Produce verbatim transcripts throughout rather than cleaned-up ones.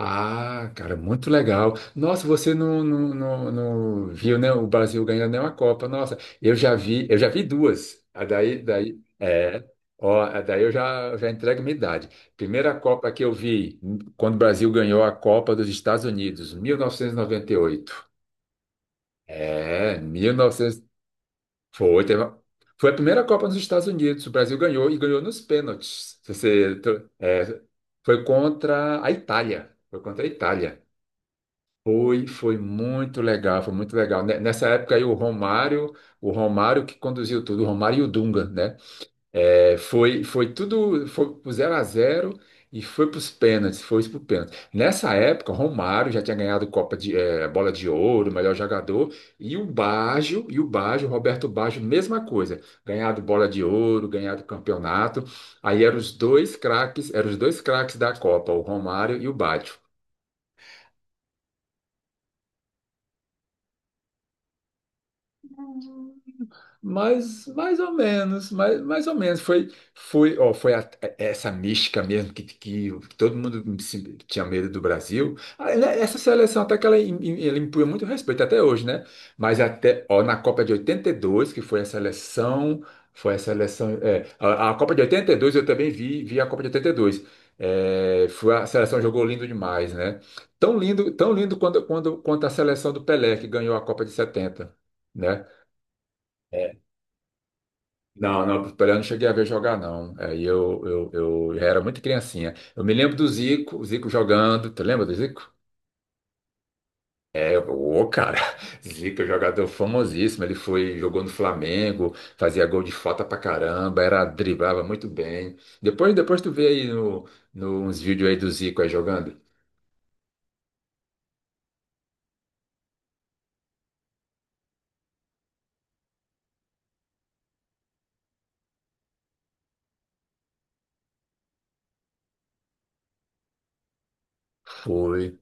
Ah, cara, muito legal. Nossa, você não, não, não, não viu, né, o Brasil ganhando nenhuma Copa. Nossa, eu já vi, eu já vi duas. A daí, daí, é, ó, a daí eu já, já entrego minha idade. Primeira Copa que eu vi, quando o Brasil ganhou a Copa dos Estados Unidos, mil novecentos e e noventa e oito. É, mil e novecentos foi, teve uma- foi a primeira Copa nos Estados Unidos. O Brasil ganhou e ganhou nos pênaltis. Se Você, é, Foi contra a Itália. Foi contra a Itália. Foi, foi muito legal, foi muito legal. Ne- Nessa época aí o Romário, o Romário que conduziu tudo, o Romário e o Dunga, né? É, foi, foi tudo, foi pro zero a zero e foi para os pênaltis, foi pro pênalti. Nessa época, o Romário já tinha ganhado Copa de eh, Bola de Ouro, melhor jogador, e o Baggio, e o Baggio, Roberto Baggio, mesma coisa, ganhado Bola de Ouro, ganhado campeonato. Aí eram os dois craques, eram os dois craques da Copa, o Romário e o Baggio. Mas mais ou menos, mais, mais ou menos. Foi, foi, ó, foi a- é, Essa mística mesmo que, que todo mundo se- tinha medo do Brasil. Ah, né, essa seleção até que ela, im- im- ela impunha muito respeito até hoje, né? Mas até, ó, na Copa de oitenta e dois que foi a seleção, foi a seleção, é, a, a Copa de oitenta e dois eu também vi, vi a Copa de oitenta e dois. É, foi a seleção jogou lindo demais, né? Tão lindo, tão lindo quando, quando, quanto a seleção do Pelé, que ganhou a Copa de setenta, né? Não, não, o Pelé eu não cheguei a ver jogar, não. Aí eu, eu, eu já era muito criancinha. Eu me lembro do Zico, o Zico jogando. Tu lembra do Zico? É, ô, cara, Zico é um jogador famosíssimo. Ele foi, jogou no Flamengo, fazia gol de falta pra caramba, era, driblava muito bem. Depois, depois tu vê aí no, no, uns vídeos aí do Zico aí jogando. Foi.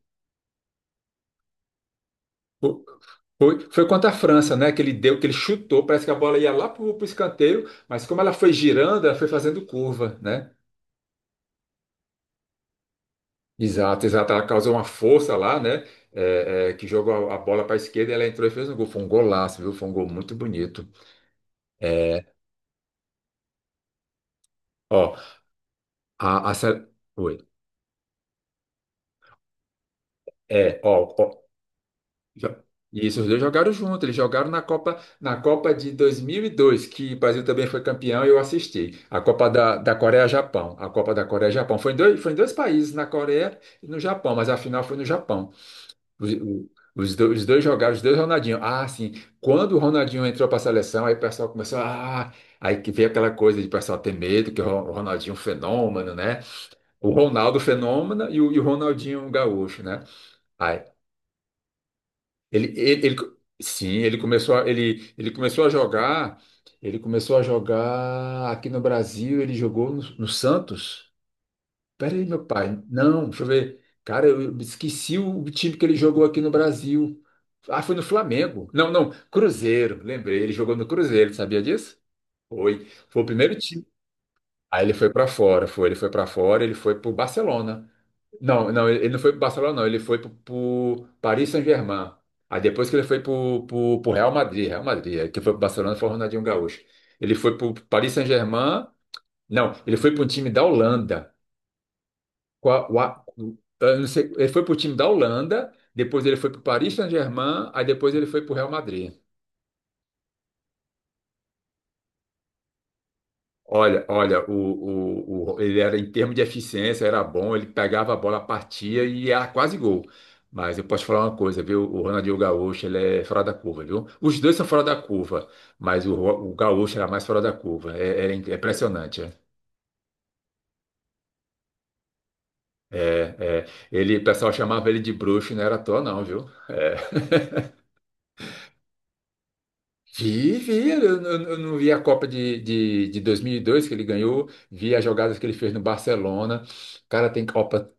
Fo- Foi, foi contra a França, né? Que ele deu, que ele chutou, parece que a bola ia lá pro, pro escanteio, mas como ela foi girando, ela foi fazendo curva, né? Exato, exato. Ela causou uma força lá, né? É, é, que jogou a a bola para a esquerda e ela entrou e fez um gol. Foi um golaço, viu? Foi um gol muito bonito. É, ó, a, a sele- Oi. É, ó, ó. já- Isso, os dois jogaram junto. Eles jogaram na Copa, na Copa de dois mil e dois, que o Brasil também foi campeão e eu assisti. A Copa da, da Coreia-Japão. A Copa da Coreia-Japão. Foi em dois, foi em dois países, na Coreia e no Japão, mas a final foi no Japão. Os, o- os do- os dois jogaram, os dois Ronaldinho. Ah, sim. Quando o Ronaldinho entrou para a seleção, aí o pessoal começou. Ah, aí que veio aquela coisa de o pessoal ter medo, que o Ron- o Ronaldinho é um fenômeno, né? O Ronaldo fenômeno e o, e o Ronaldinho um gaúcho, né? Aí, ele, ele, ele- sim, ele começou a, ele, ele começou a jogar. Ele começou a jogar aqui no Brasil, ele jogou no, no Santos. Peraí, meu pai. Não, deixa eu ver. Cara, eu esqueci o time que ele jogou aqui no Brasil. Ah, foi no Flamengo. Não, não, Cruzeiro. Lembrei, ele jogou no Cruzeiro, sabia disso? Foi. Foi o primeiro time. Aí ele foi pra fora, foi. Ele foi pra fora, ele foi pro Barcelona. Não, não, ele não foi pro Barcelona, não. Ele foi pro, pro Paris Saint-Germain. Aí depois que ele foi pro, pro, pro Real Madrid, Real Madrid. Aí quem foi pro Barcelona foi o Ronaldinho Gaúcho. Ele foi pro Paris Saint-Germain. Não, ele foi pro um time da Holanda. Qua- Wa- eu não sei, ele foi para o time da Holanda, depois ele foi para o Paris Saint-Germain, aí depois ele foi para o Real Madrid. Olha, olha, o, o, o- ele era em termos de eficiência, era bom, ele pegava a bola, partia e era quase gol. Mas eu posso te falar uma coisa, viu? O Ronaldinho Gaúcho, ele é fora da curva, viu? Os dois são fora da curva, mas o, Ro- o Gaúcho era mais fora da curva. É, era impressionante, é. É, é. Ele, o pessoal chamava ele de bruxo, não era à toa, não, viu? É. Vi, vi, eu, eu- eu não vi a Copa de, de, de dois mil e dois que ele ganhou, vi as jogadas que ele fez no Barcelona. Cara, tem Copa.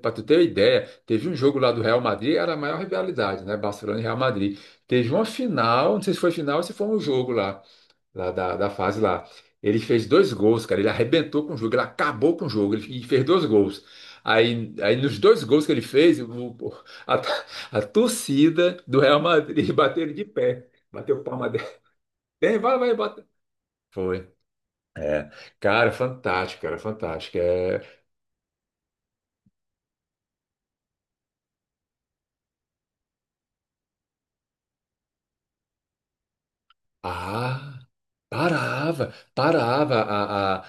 Para tu ter uma ideia, teve um jogo lá do Real Madrid, era a maior rivalidade, né? Barcelona e Real Madrid. Teve uma final, não sei se foi final ou se foi um jogo lá, lá da, da fase lá. Ele fez dois gols, cara, ele arrebentou com o jogo, ele acabou com o jogo, ele e fez dois gols. Aí, aí nos dois gols que ele fez, o- o- a, a torcida do Real Madrid bateu ele de pé. Bateu palma tem, vai, vai, bota. Foi. Cara, fantástico, cara, fantástico. É... Ah, parava, parava a, a,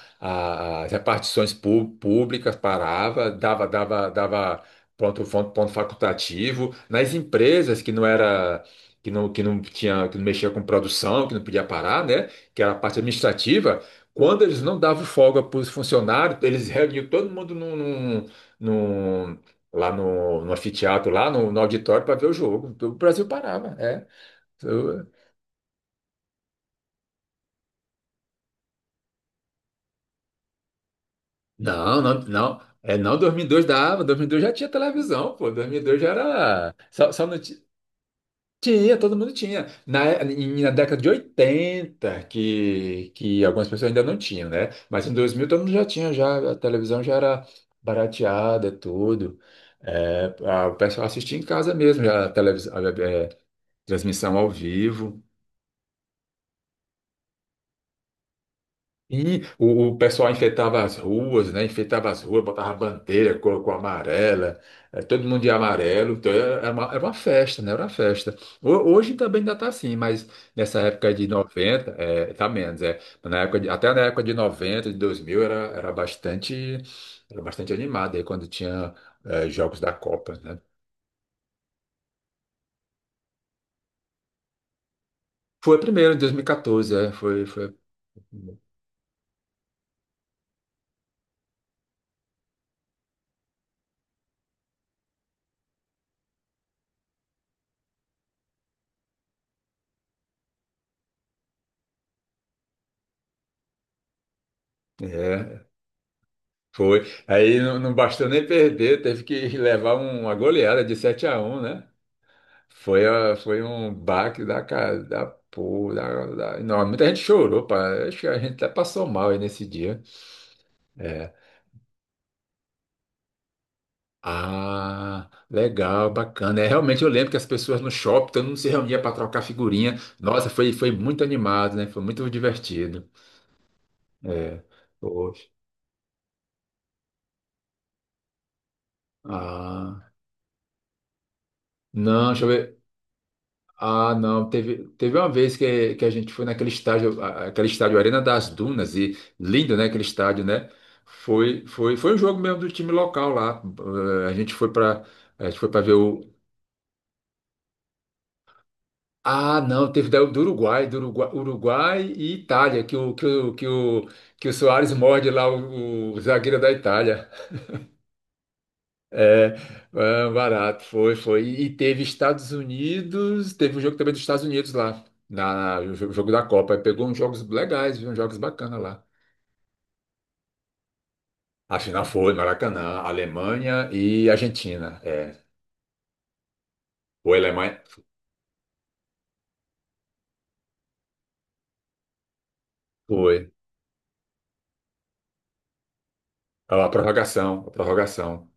a- as repartições pú- públicas, parava, dava, dava, dava ponto, ponto, ponto facultativo. Nas empresas que não era, que não, que não tinha, que não mexia com produção, que não podia parar, né? Que era a parte administrativa, quando eles não davam folga para os funcionários, eles reuniam todo mundo num, num, num- lá no, no anfiteatro, lá no, no auditório para ver o jogo. O Brasil parava, é. Não, não, não. É, não, dois mil e dois dava. dois mil e dois já tinha televisão, pô. dois mil e dois já era. Só, só não ti- tinha, todo mundo tinha. Na, em- na década de oitenta que, que algumas pessoas ainda não tinham, né? Mas em dois mil todo mundo já tinha, já, a televisão já era barateada, tudo. É, a- o pessoal assistia em casa mesmo, já a televisão, a- é, transmissão ao vivo. E o, o pessoal enfeitava as ruas, né? Enfeitava as ruas, botava bandeira, colocou amarela, eh, todo mundo de amarelo. Então era era uma, era uma festa, né? Era uma festa. Ho- Hoje também ainda está assim, mas nessa época de noventa, é, tá menos, é. Mas Na época de- até na época de noventa, de dois mil, era, era bastante, era bastante animado aí quando tinha eh, jogos da Copa, né? Foi primeiro, em dois mil e quatorze, é, foi, foi, é. Foi. Aí não, não bastou nem perder, teve que levar um, uma goleada de sete a um, né? Foi, a- foi um baque da cara, da porra, da, da- Não, muita gente chorou, pá. Acho que a gente até passou mal aí nesse dia. É. Ah, legal, bacana. É, realmente eu lembro que as pessoas no shopping, todo mundo se reunia para trocar figurinha. Nossa, foi, foi muito animado, né? Foi muito divertido. É. Poxa. Ah. Não, deixa eu ver. Ah, não, teve, teve uma vez que, que a gente foi naquele estádio, a- aquele estádio Arena das Dunas, e lindo, né, aquele estádio, né? Foi, foi, foi um jogo mesmo do time local lá. Eh, A gente foi para, a gente foi para ver o. Ah, não, teve daí o do Uruguai, do Uruguai, Uruguai e Itália, que o que o que o, que o Soares morde lá o, o zagueiro da Itália. É, ah, barato, foi, foi. E teve Estados Unidos, teve um jogo também dos Estados Unidos lá, na, no jo- jogo da Copa. Aí pegou uns jogos legais, viu? Uns jogos bacanas lá. A final foi, Maracanã, Alemanha e Argentina. É, foi Alemanha, foi. Ah, a prorrogação, a prorrogação.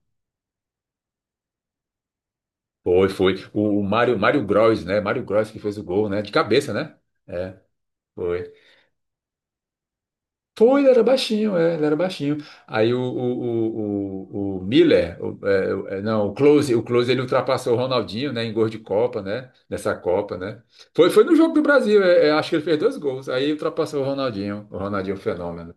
Foi, foi. O, o Mário, Mário, Gross, né? Mário Gross que fez o gol, né? De cabeça, né? É, foi. Foi ele era baixinho, é, ele era baixinho. Aí o, o, o, o, o Miller, o- é, o- é, não, o Close, o Close ele ultrapassou o Ronaldinho, né, em gol de Copa, né, nessa Copa, né. Foi, foi no jogo do Brasil, é, é, acho que ele fez dois gols, aí ultrapassou o Ronaldinho, o Ronaldinho fenômeno.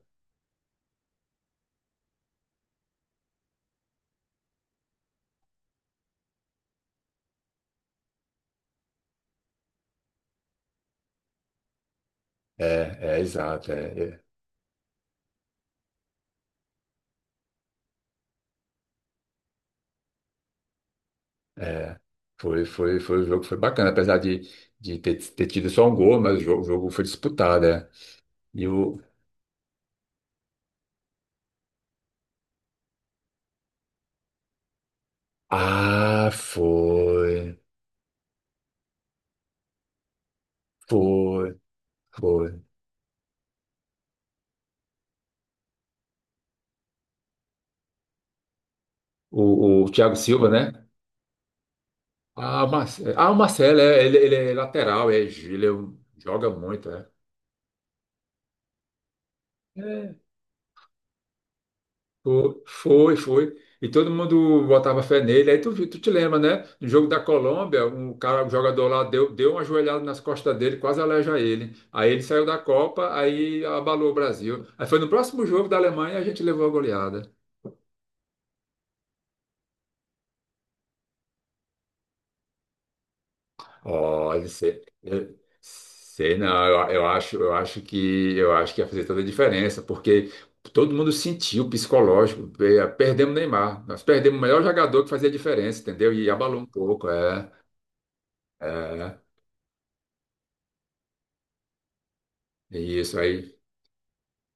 É, é, exato, é, é, é. Foi, foi, foi, o jogo foi bacana, apesar de, de ter, ter tido só um gol, mas o jogo, o jogo foi disputado, é. E o... Ah, foi, foi, foi. O, o Thiago Silva, né? Ah, Marcelo, ah, o Marcelo, é, ele, ele é lateral, é, ele é um- joga muito, é. É, fo- foi, foi. E todo mundo botava fé nele. Aí tu, vi- tu te lembra, né? No jogo da Colômbia, um cara, um jogador lá deu, deu uma ajoelhada nas costas dele, quase aleja ele. Aí ele saiu da Copa, aí abalou o Brasil. Aí foi no próximo jogo da Alemanha, a gente levou a goleada. Olha, você eu- sei não, eu, eu acho, eu acho que eu acho que ia fazer toda a diferença, porque todo mundo sentiu o psicológico, pe- perdemos o Neymar, nós perdemos o melhor jogador que fazia a diferença, entendeu? E abalou um pouco, é, é, e isso aí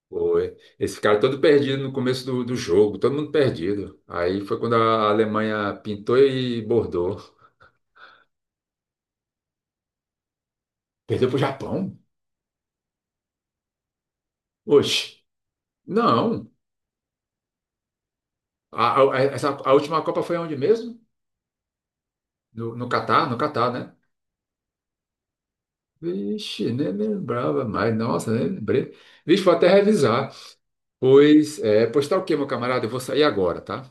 foi. Esse cara todo perdido no começo do, do jogo, todo mundo perdido. Aí foi quando a Alemanha pintou e bordou. Perdeu pro Japão? Oxe, não. A, a- essa, a última Copa foi onde mesmo? No, no Catar, no Catar, né? Vixe, nem lembrava mais. Nossa, nem lembrei. Vixe, vou até revisar. Pois, é, pois tá ok, meu camarada. Eu vou sair agora, tá?